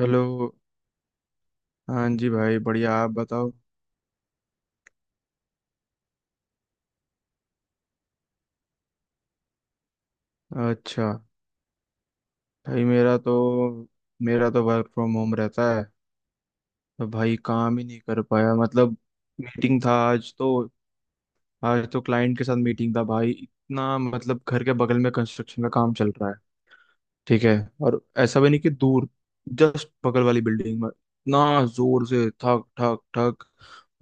Hello. हाँ जी भाई, बढ़िया। आप बताओ। अच्छा। भाई मेरा तो वर्क फ्रॉम होम रहता है। तो भाई काम ही नहीं कर पाया, मतलब। मीटिंग था आज तो। आज तो क्लाइंट के साथ मीटिंग था भाई, इतना मतलब घर के बगल में कंस्ट्रक्शन का काम चल रहा है। ठीक है। और ऐसा भी नहीं कि दूर, जस्ट बगल वाली बिल्डिंग में। इतना जोर से ठक ठक ठक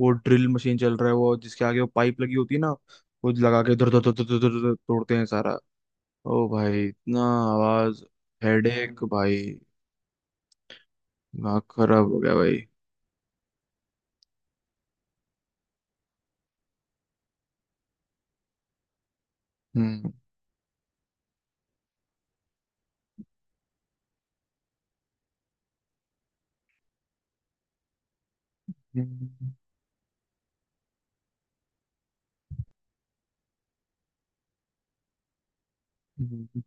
वो ड्रिल मशीन चल रहा है, वो जिसके आगे वो पाइप लगी होती है ना, वो लगा के धर धर धर धर धर धर तोड़ते हैं सारा। ओ भाई इतना आवाज, हेडेक भाई। दिमाग खराब हो गया भाई। हम्म। हम्म। हम्म,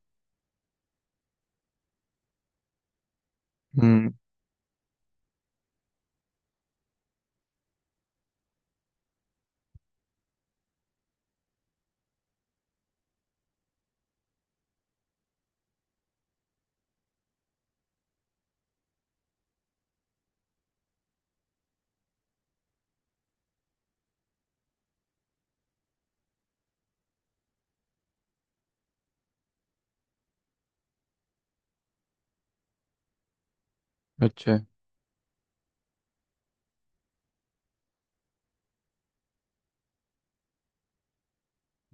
हम्म, अच्छा।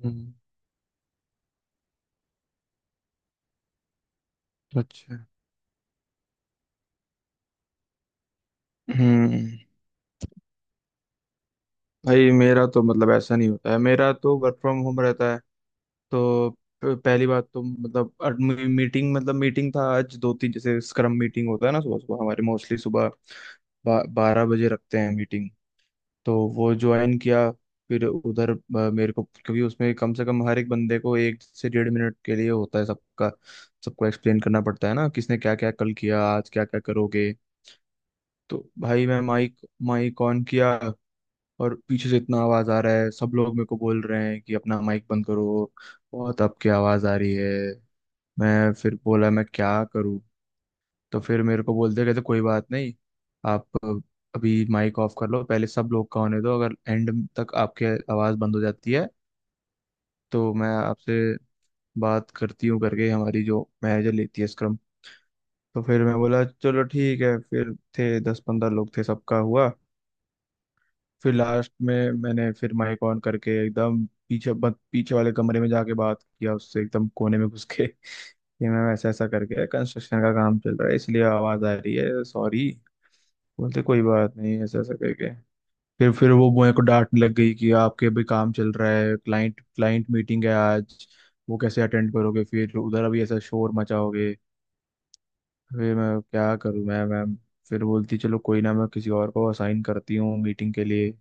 हम्म। अच्छा। हम्म। भाई मेरा तो, मतलब ऐसा नहीं होता है, मेरा तो वर्क फ्रॉम होम रहता है। तो पहली बात तो मतलब मीटिंग, मीटिंग था आज। दो तीन जैसे स्क्रम मीटिंग होता है ना, सुबह सुबह हमारे मोस्टली सुबह 12 बजे रखते हैं मीटिंग। तो वो ज्वाइन किया। फिर उधर मेरे को, क्योंकि उसमें कम से कम हर एक बंदे को 1 से 1.5 मिनट के लिए होता है। सबका, सबको एक्सप्लेन करना पड़ता है ना, किसने क्या क्या कल किया, आज क्या क्या करोगे। तो भाई मैं माइक माइक ऑन किया और पीछे से इतना आवाज आ रहा है। सब लोग मेरे को बोल रहे हैं कि अपना माइक बंद करो, बहुत आपकी आवाज आ रही है। मैं फिर बोला, मैं क्या करूँ। तो फिर मेरे को बोलते कहते कोई बात नहीं, आप अभी माइक ऑफ कर लो, पहले सब लोग का होने दो, अगर एंड तक आपके आवाज़ बंद हो जाती है तो मैं आपसे बात करती हूँ, करके हमारी जो मैनेजर लेती है स्क्रम। तो फिर मैं बोला चलो ठीक है। फिर थे 10-15 लोग थे, सबका हुआ। फिर लास्ट में मैंने फिर माइक ऑन करके एकदम पीछे पीछे वाले कमरे में जाके बात किया उससे, एकदम कोने में घुस के, कि मैम ऐसा ऐसा करके कंस्ट्रक्शन का काम चल रहा है, इसलिए आवाज़ आ रही है, सॉरी। बोलते कोई बात नहीं, ऐसा ऐसा करके। फिर वो मेरे को डांटने लग गई कि आपके अभी काम चल रहा है, क्लाइंट क्लाइंट मीटिंग है आज, वो कैसे अटेंड करोगे, फिर उधर अभी ऐसा शोर मचाओगे। फिर मैं क्या करूँ, मैं, मैम। फिर बोलती चलो कोई ना, मैं किसी और को असाइन करती हूँ मीटिंग के लिए।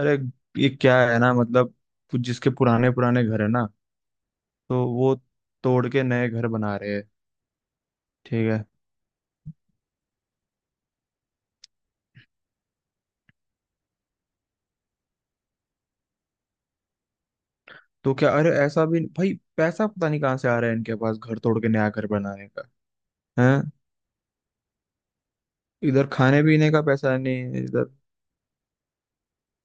अरे ये क्या है ना, मतलब कुछ जिसके पुराने पुराने घर है ना, तो वो तोड़ के नए घर बना रहे हैं। ठीक है। तो क्या, अरे ऐसा भी भाई पैसा पता नहीं कहाँ से आ रहा है इनके पास घर तोड़ के नया घर बनाने का है। इधर खाने पीने का पैसा नहीं है, इधर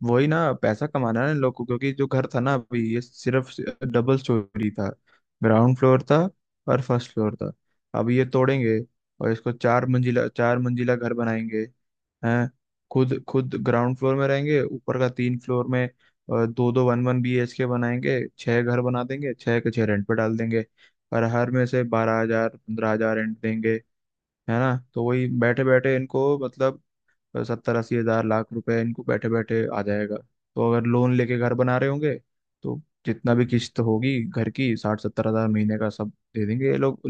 वही ना, पैसा कमाना है इन लोग को क्योंकि जो घर था ना, अभी ये सिर्फ डबल स्टोरी था, ग्राउंड फ्लोर था और फर्स्ट फ्लोर था। अब ये तोड़ेंगे और इसको 4 मंजिला चार मंजिला घर बनाएंगे। हैं, खुद खुद ग्राउंड फ्लोर में रहेंगे, ऊपर का 3 फ्लोर में दो दो 1 1 BHK बनाएंगे। छह घर बना देंगे, छह के छह रेंट पे डाल देंगे। और हर में से 12 हजार 15 हजार रेंट देंगे। है ना, तो वही बैठे बैठे इनको, मतलब तो 70-80 हजार लाख रुपए इनको बैठे बैठे आ जाएगा। तो अगर लोन लेके घर बना रहे होंगे तो जितना भी किस्त होगी घर की, 60-70 हजार महीने का सब दे देंगे ये लोग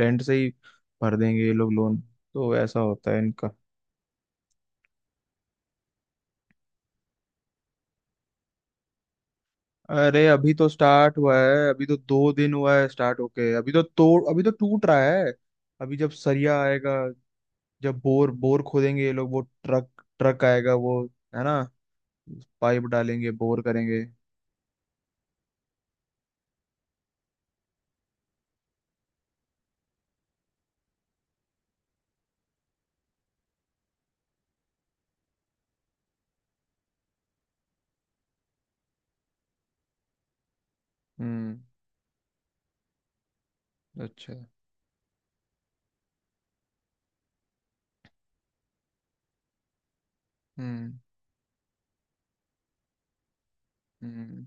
रेंट से ही। भर देंगे ये लोग लोन। तो ऐसा होता है इनका। अरे अभी तो स्टार्ट हुआ है, अभी तो 2 दिन हुआ है स्टार्ट होके, अभी तो तोड़, अभी तो टूट रहा है। अभी जब सरिया आएगा, जब बोर बोर खोदेंगे ये लोग, वो ट्रक ट्रक आएगा वो, है ना, पाइप डालेंगे, बोर करेंगे। हम्म। अच्छा। हम्म। हम्म,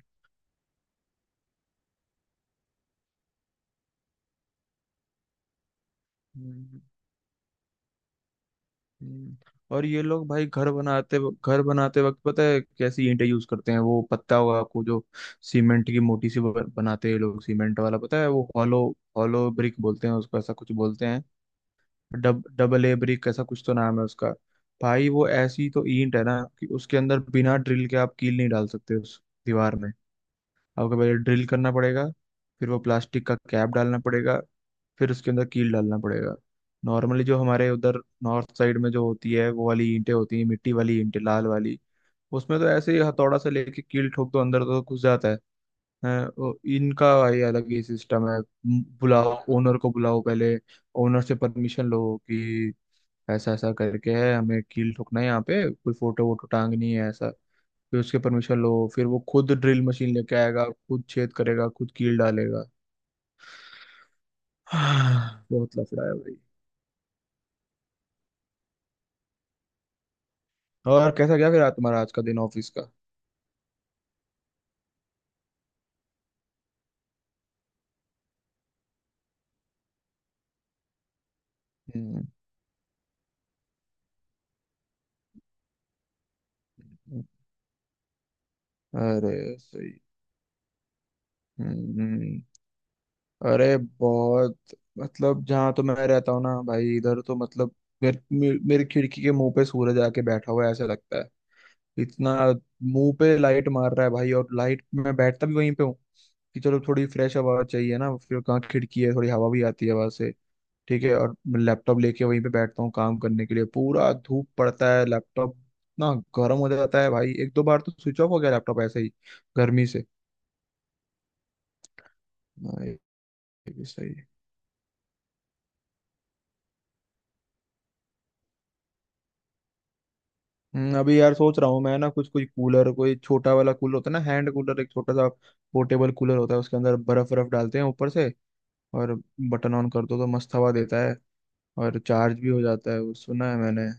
हम्म, हम्म। और ये लोग भाई घर बनाते, घर बनाते वक्त पता है कैसी ईंटें यूज करते हैं, वो पता होगा आपको, जो सीमेंट की मोटी सी बनाते हैं ये लोग सीमेंट वाला, पता है वो हॉलो हॉलो ब्रिक बोलते हैं उसको, ऐसा कुछ बोलते हैं, डब डबल ए ब्रिक ऐसा कुछ तो नाम है उसका। भाई वो ऐसी तो ईंट है ना कि उसके अंदर बिना ड्रिल के आप कील नहीं डाल सकते उस दीवार में। आपको पहले ड्रिल करना पड़ेगा, फिर वो प्लास्टिक का कैप डालना पड़ेगा, फिर उसके अंदर कील डालना पड़ेगा। नॉर्मली जो हमारे उधर नॉर्थ साइड में जो होती है वो वाली ईंटें होती हैं, मिट्टी वाली ईंटें लाल वाली, उसमें तो ऐसे ही हथौड़ा से लेके कील ठोक दो अंदर तो घुस जाता है। हैं, वो इनका ये अलग ही सिस्टम है। बुलाओ ओनर को, बुलाओ पहले ओनर से परमिशन लो कि ऐसा ऐसा करके है, हमें कील ठोकना है यहाँ पे, कोई फोटो वोटो टांगनी है ऐसा, फिर उसके परमिशन लो, फिर वो खुद ड्रिल मशीन लेके आएगा, खुद छेद करेगा, खुद कील डालेगा। हाँ, बहुत लफड़ा है भाई। और कैसा गया फिर आज तुम्हारा आज का दिन ऑफिस का? हम्म। अरे सही। हम्म। अरे बहुत, मतलब जहाँ तो मैं रहता हूँ ना भाई, इधर तो मतलब मेरी खिड़की के मुंह पे सूरज आके बैठा हुआ है ऐसा लगता है, इतना मुंह पे लाइट मार रहा है भाई। और लाइट, मैं बैठता भी वहीं पे हूँ कि चलो थोड़ी फ्रेश हवा चाहिए ना, फिर कहाँ खिड़की है, थोड़ी हवा भी आती है वहां से। ठीक है, और मैं लैपटॉप लेके वहीं पे बैठता हूँ काम करने के लिए। पूरा धूप पड़ता है, लैपटॉप इतना गर्म हो जाता है भाई, एक दो बार तो स्विच ऑफ हो गया लैपटॉप ऐसे ही, गर्मी से। हाँ, ये भी सही है। अभी यार सोच रहा हूँ मैं ना, कुछ कोई कूलर, कोई छोटा वाला कूलर होता है ना, हैंड कूलर, एक छोटा सा पोर्टेबल कूलर होता है, उसके अंदर बर्फ बर्फ डालते हैं ऊपर से, और बटन ऑन कर दो तो मस्त हवा देता है। और चार्ज भी हो जाता है वो, सुना है मैंने।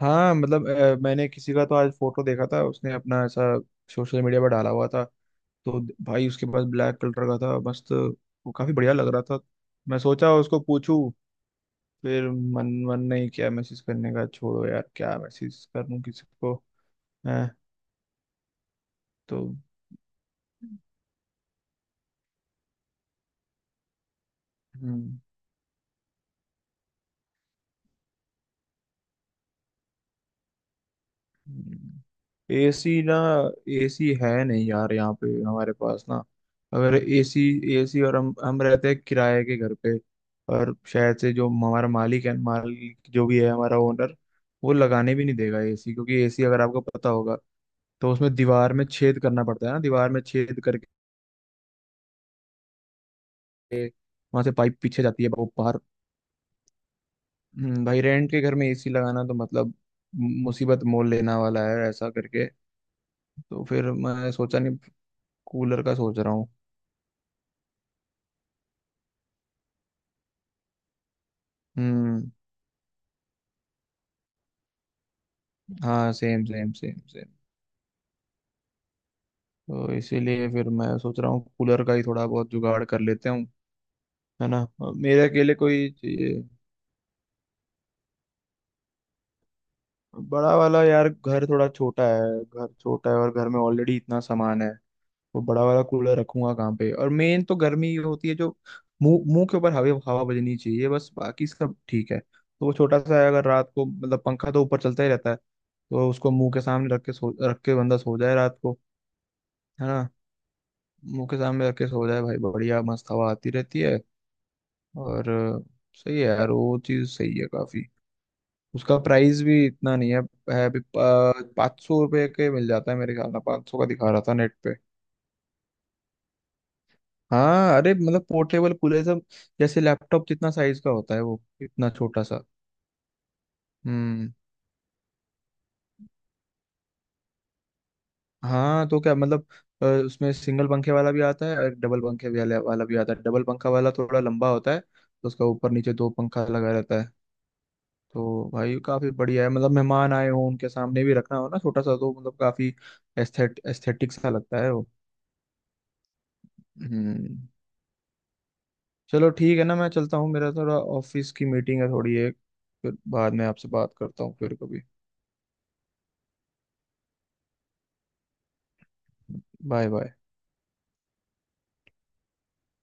हाँ मतलब, मैंने किसी का तो आज फोटो देखा था, उसने अपना ऐसा सोशल मीडिया पर डाला हुआ था। तो भाई उसके पास ब्लैक कलर का था मस्त, वो काफी बढ़िया लग रहा था। मैं सोचा उसको पूछूं, फिर मन मन नहीं किया मैसेज करने का। छोड़ो यार क्या मैसेज करूं किसी को। है तो। हम्म। एसी ना, एसी है नहीं यार यहाँ पे हमारे पास ना। अगर एसी एसी और हम रहते हैं किराए के घर पे। और शायद से जो हमारा मालिक है, मालिक जो भी है, हमारा ओनर, वो लगाने भी नहीं देगा एसी। क्योंकि एसी अगर आपको पता होगा तो उसमें दीवार में छेद करना पड़ता है ना, दीवार में छेद करके वहां से पाइप पीछे जाती है वो बाहर। भाई रेंट के घर में एसी लगाना तो मतलब मुसीबत मोल लेना वाला है ऐसा करके, तो फिर मैं सोचा नहीं। कूलर का सोच रहा हूँ। हम्म। हाँ, सेम सेम सेम सेम। तो इसीलिए फिर मैं सोच रहा हूँ कूलर का ही थोड़ा बहुत जुगाड़ कर लेते हूँ। है ना, अब मेरे अकेले कोई चाहिए बड़ा वाला, यार घर थोड़ा छोटा है, घर छोटा है और घर में ऑलरेडी इतना सामान है। वो बड़ा वाला कूलर रखूंगा कहाँ पे? और मेन तो गर्मी ही होती है जो मुंह मुंह के ऊपर हवा हवा बजनी चाहिए, बस बाकी सब ठीक है। तो वो छोटा सा है, अगर रात को मतलब पंखा तो ऊपर चलता ही रहता है, तो उसको मुंह के सामने रख के बंदा सो जाए रात को। है ना, मुंह के सामने रख के सो जाए भाई, बढ़िया मस्त हवा आती रहती है। और सही है यार वो चीज, सही है काफी। उसका प्राइस भी इतना नहीं है, है भी 500 रुपये के मिल जाता है मेरे ख्याल में, 500 का दिखा रहा था नेट पे। हाँ अरे मतलब पोर्टेबल कूलर सब जैसे लैपटॉप जितना साइज का होता है, वो इतना छोटा सा। हम्म। हाँ तो क्या मतलब, उसमें सिंगल पंखे वाला भी आता है, और डबल पंखे वाला वाला भी आता है। डबल पंखा वाला थोड़ा लंबा होता है, तो उसका ऊपर नीचे दो पंखा लगा रहता है। तो भाई काफी बढ़िया है, मतलब मेहमान आए हो उनके सामने भी रखना हो ना छोटा सा, तो मतलब काफी एस्थेटिक सा लगता है वो। हम्म। चलो ठीक है ना, मैं चलता हूँ, मेरा थोड़ा ऑफिस की मीटिंग है थोड़ी एक। फिर बाद में आपसे बात करता हूँ फिर कभी। Bye bye.